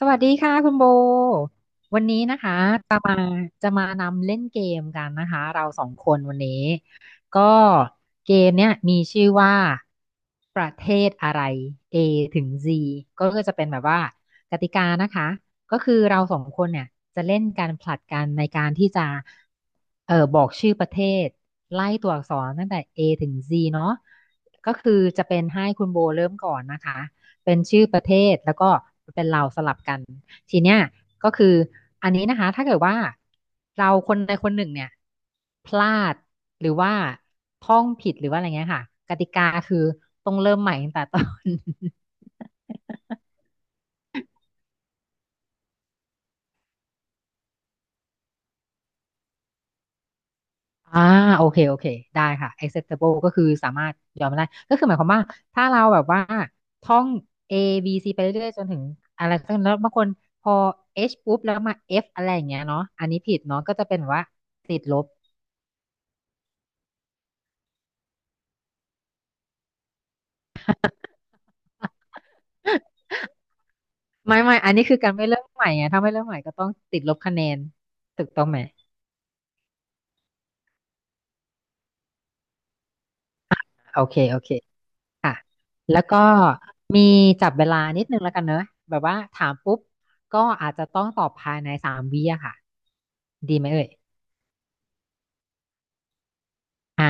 สวัสดีค่ะคุณโบวันนี้นะคะจะมาจะมานำเล่นเกมกันนะคะเราสองคนวันนี้ก็เกมเนี้ยมีชื่อว่าประเทศอะไร A ถึง Z ก็ก็จะเป็นแบบว่ากติกานะคะก็คือเราสองคนเนี่ยจะเล่นการผลัดกันในการที่จะบอกชื่อประเทศไล่ตัวอักษรตั้งแต่ A ถึง Z เนาะก็คือจะเป็นให้คุณโบเริ่มก่อนนะคะ เป็นชื่อประเทศแล้วก็เป็นเราสลับกันทีเนี้ยก็คืออันนี้นะคะถ้าเกิดว่าเราคนใดคนหนึ่งเนี่ยพลาดหรือว่าท่องผิดหรือว่าอะไรเงี้ยค่ะกติกาคือต้องเริ่มใหม่ตั้งแต่ต้น อ่าโอเคโอเคได้ค่ะ acceptable ก็คือสามารถยอมได้ก็คือหมายความว่าถ้าเราแบบว่าท่อง A B C ไปเรื่อยๆจนถึงอะไรสัก่แล้วบางคนพอ H ปุ๊บแล้วมา F อะไรอย่างเงี้ยเนาะอันนี้ผิดเนาะก็จะเป็นแบบว่าติดลบ ไม่ไม่อันนี้คือการไม่เริ่มใหม่ไงถ้าไม่เริ่มใหม่ก็ต้องติดลบคะแนนถูกต้องไหมโอเคโอเคค่ะแล้วก็มีจับเวลานิดนึงแล้วกันเนอะแบบว่าถามปุ๊บก็อาจจะต้องตอบภายในสามวิอะค่ะดีไหมเอ่ยอ่า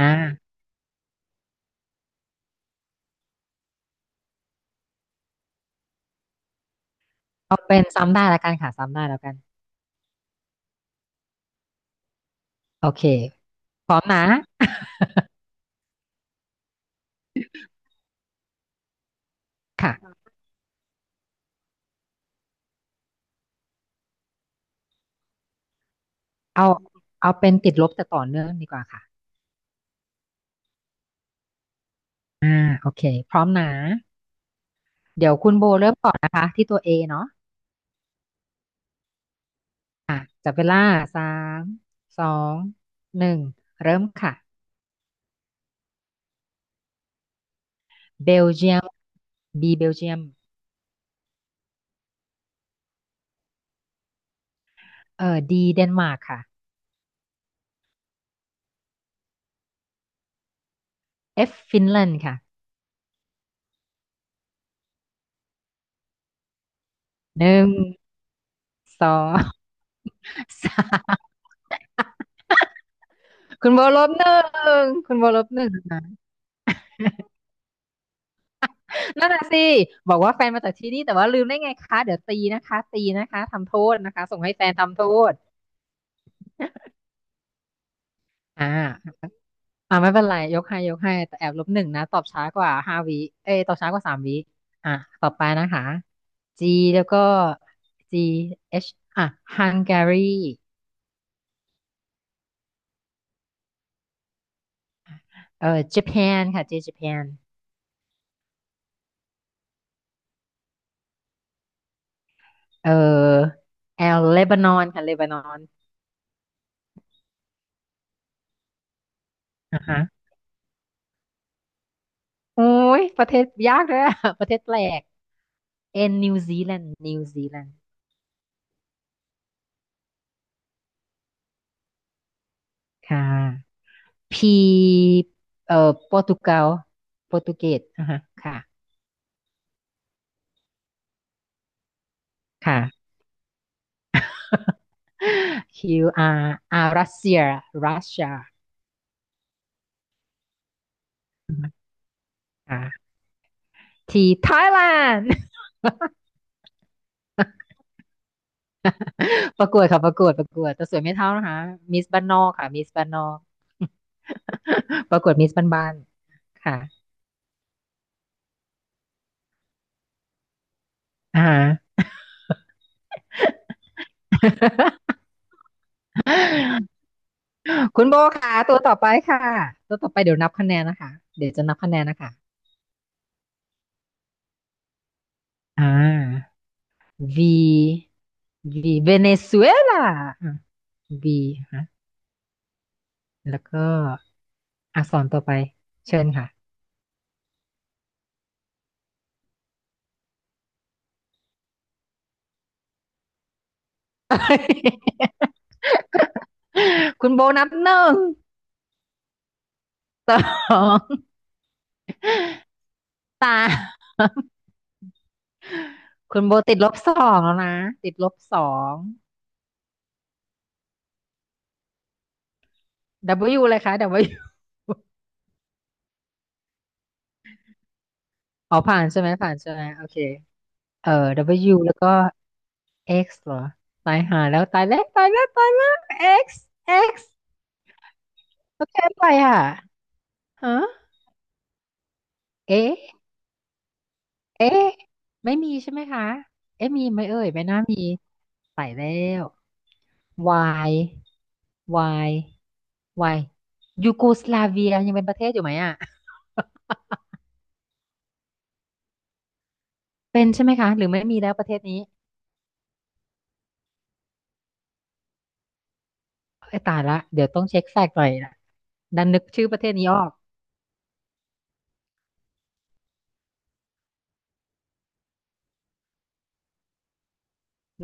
เอาเป็นซ้ำได้แล้วกันค่ะซ้ำได้แล้วกันโอเคพร้อมนะ ค่ะเอาเอาเป็นติดลบแต่ต่อเนื่องดีกว่าค่ะอ่าโอเคพร้อมนะเดี๋ยวคุณโบเริ่มก่อนนะคะที่ตัว A เนาะ อ่ะจับเวลาสามสองหนึ่งเริ่มค่ะเบลเยียม B เบลเยียมD เดนมาร์กค่ะ F ฟินแลนด์ค่ะหนึ่งสองสามคุณโบลบหนึ่งคุณโบลบหนึ่งนะนั่นน่ะสิบอกว่าแฟนมาจากที่นี่แต่ว่าลืมได้ไงคะเดี๋ยวตีนะคะตีนะคะทำโทษนะคะส่งให้แฟนทำโทษอ่า อ่าไม่เป็นไรยกให้ยกให้แต่แอบลบหนึ่งนะตอบช้ากว่าห้าวิเอ้ยตอบช้ากว่าสามวิอ่ะต่อไปนะคะ G แล้วก็ G H อ่ะ Hungary Japan ค่ะ J Japan เอ่อ L Lebanon ค่ะ Lebanon อ่ะฮะโอ้ยประเทศยากเลยอะ ประเทศแปลก N New Zealand New Zealand ค่ะ P โปรตุเกสโปรตุเกสอ่ะฮะค่ะค่ะ Q R R รัสเซียรัสเซียอ่า T ไทยแลนด์ ประกวดค่ะประกวดประกวดแต่สวยไม่เท่านะคะมิสบ้านนอกค่ะมิสบ้านนอก ประกวดมิสบ้านๆค่ะอ่า คุณโบค่ะตัวต่อไปค่ะ ตัวต่อไปเดี๋ยวนับคะแนนนะคะ เดี๋ยวจะนับคะแนนนะคะอ่า V V เวเนซุเอลา V ฮะแล้วก็อักษรต่อไป เชิญค่ะ คุณโบนับหนึ่งสองตามคุณโบติดลบสองแล้วนะติดลบสอง W เลยคะ W อ๋อผ่านใช่ไหมผ่านใช่ไหมโอเคเออ W แล้วก็ X เหรอตายหาแล้วตายแล้วตายแล้วตายแล้ว X X โอเค่อไปอ่ะฮะเอ๊ะเอ๊ะไม่มีใช่ไหมคะเอ๊ะมีไหมเอ่ยไม่น่ามีตายแล้ว วายวายวายยูโกสลาเวียยังเป็นประเทศอยู่ไหมอ่ะเป็นใช่ไหมคะหรือไม่มีแล้วประเทศนี้ไอ้ยตายละเดี๋ยวต้องเช็คแฟกต์หน่อยนะดันนึกชื่อประเทศนี้ออก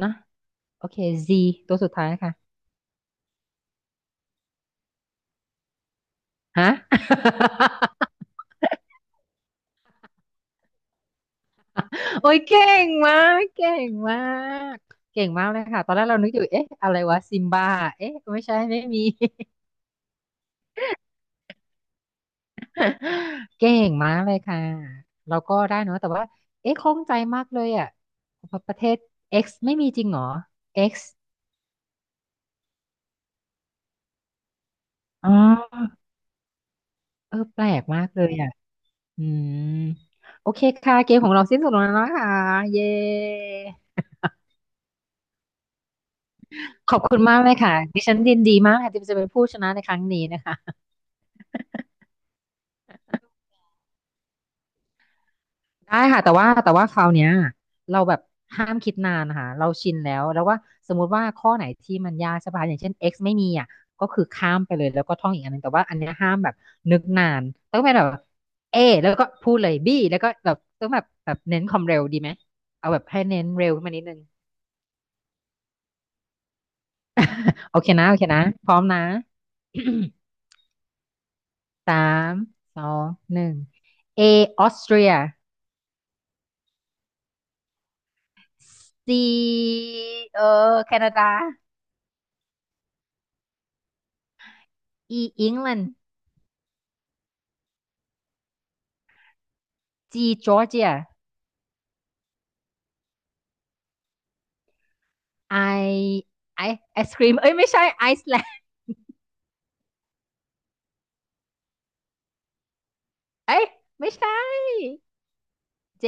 นะ โอเค Z ตัวสุดท้ายค่ะฮะ โอ้ยเก่งมาก เก่งมาก เก่งมากเลยค่ะ ตอนแรกเรานึกอยู่ เอ๊ะอะไรวะซิมบ้าเอ๊ะไม่ใช่ไม่มี เก่งมากเลยค่ะเราก็ได้เนอะแต่ว่าเอ๊ะข้องใจมากเลยอ่ะประเทศ X ไม่มีจริงเหรอ X อ๋อเออแปลกมากเลยอ่ะอืมโอเคค่ะเกมของเราสิ้นสุดลงแล้วนะคะเย้ขอบคุณมากเลยค่ะดิฉันยินดีมากค่ะที่จะเป็นผู้ชนะในครั้งนี้นะคะ ได้ค่ะแต่ว่าแต่ว่าคราวเนี้ยเราแบบห้ามคิดนานนะคะเราชินแล้วแล้วว่าสมมุติว่าข้อไหนที่มันยากใช่ป่ะอย่างเช่น x ไม่มีอ่ะก็คือข้ามไปเลยแล้วก็ท่องอีกอันหนึงแต่ว่าอันเนี้ยห้ามแบบนึกนานต้องเป็นแบบ A แล้วก็พูดเลย B แล้วก็แบบต้องแบบแบบเน้นความเร็วดีไหมเอาแบบให้เน้นเร็วขึ้นมานิดนึง โอเคนะโอเคนะพร้อมนะ สามสองหนึ่ง A ออสเตรีย C เออแคนาดา E อังกฤษ จีจอร์เจียไอไอไอศครีมเอ้ยไม่ใช่ไอซ์แลนด์เอ้ยไม่ใช่เจ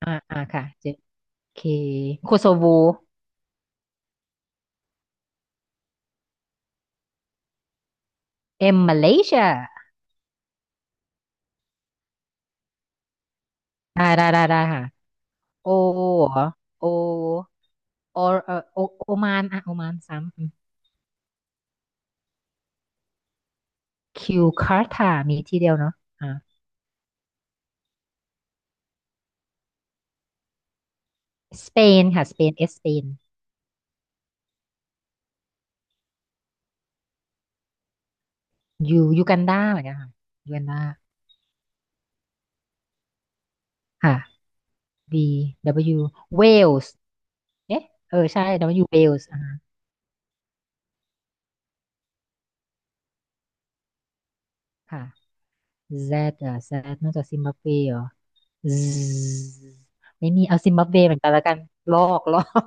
อ่าอ่าค่ะเจโอเคโคโซโวเอ็มมาเลเซียได้ได้ได้ได้ค่ะโอเหรอโอโอเออโอโอมานอ่ะโอมานซ้ำคิวคาร์ทามีที่เดียวเนาะอ่าสเปนค่ะสเปนเอสเปนยูยูกันดาเหมือนกันค่ะยูกันดาค่ะ B W Wales เอ๊ะเออใช่ W Wales อ่าค่ะ Z อ่ะ Z นอกจากซิมบับเวเหรอ Z ไม่มีเอาซิมบับเวเหมือนกันแล้วกันลอก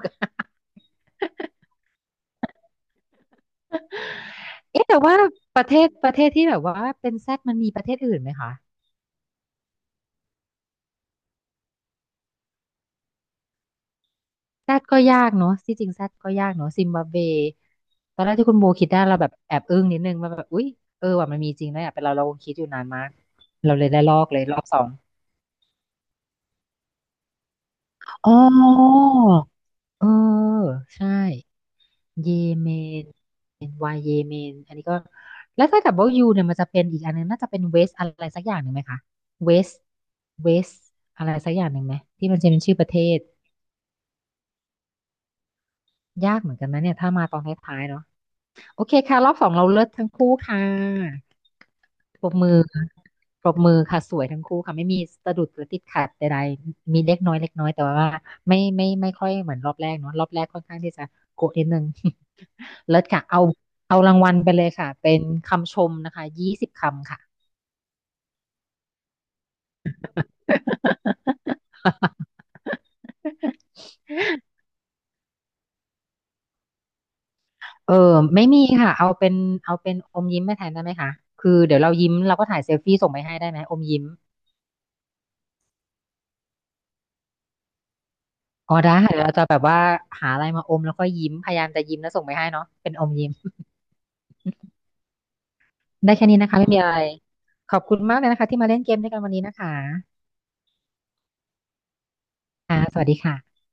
เอ๊ะแต่ว่าประเทศที่แบบว่าเป็น Z มันมีประเทศอื่นไหมคะ Z ก็ยากเนาะที่จริง Z ก็ยากเนาะซิมบับเวตอนแรกที่คุณโบคิดได้เราแบบแอบอึ้งนิดนึงมาแบบอุ๊ยเออว่ามันมีจริงนะอ่ะเป็นเราคงคิดอยู่นานมากเราเลยได้ลอกเลยรอบสองอ๋อเออใช่ เยเมนวายเยเมนอันนี้ก็แล้วถ้ากิดว่ายูเนี่ยมันจะเป็นอีกอันนึงน่าจะเป็นเวสอะไรสักอย่างหนึ่งไหมคะเวสเวสอะไรสักอย่างหนึ่งไหมที่มันจะเป็นชื่อประเทศยากเหมือนกันนะเนี่ยถ้ามาตอนท้ายๆเนาะโอเคค่ะรอบสองเราเลิศทั้งคู่ค่ะ ปรบมือปรบมือค่ะสวยทั้งคู่ค่ะไม่มีสะดุดหรือติดขัดใดๆมีเล็กน้อยแต่ว่าไม่ไม่ค่อยเหมือนรอบแรกเนาะรอบแรกค่อนข้างที่จะโกะนิดนึง เลิศค่ะเอารางวัลไปเลยค่ะเป็นคำชมนะคะ20 คำค่ะ เออไม่มีค่ะเอาเป็นอมยิ้มมาแทนได้ไหมคะคือเดี๋ยวเรายิ้มเราก็ถ่ายเซลฟี่ส่งไปให้ได้ไหมอมยิ้มอ๋อได้ค่ะเดี๋ยวเราจะแบบว่าหาอะไรมาอมแล้วก็ยิ้มพยายามจะยิ้มแล้วส่งไปให้เนาะเป็นอมยิ้ม ได้แค่นี้นะคะไม่มีอะไรขอบคุณมากเลยนะคะที่มาเล่นเกมด้วยกันวันนี้นะคะค่ะสวัสดีค่ะ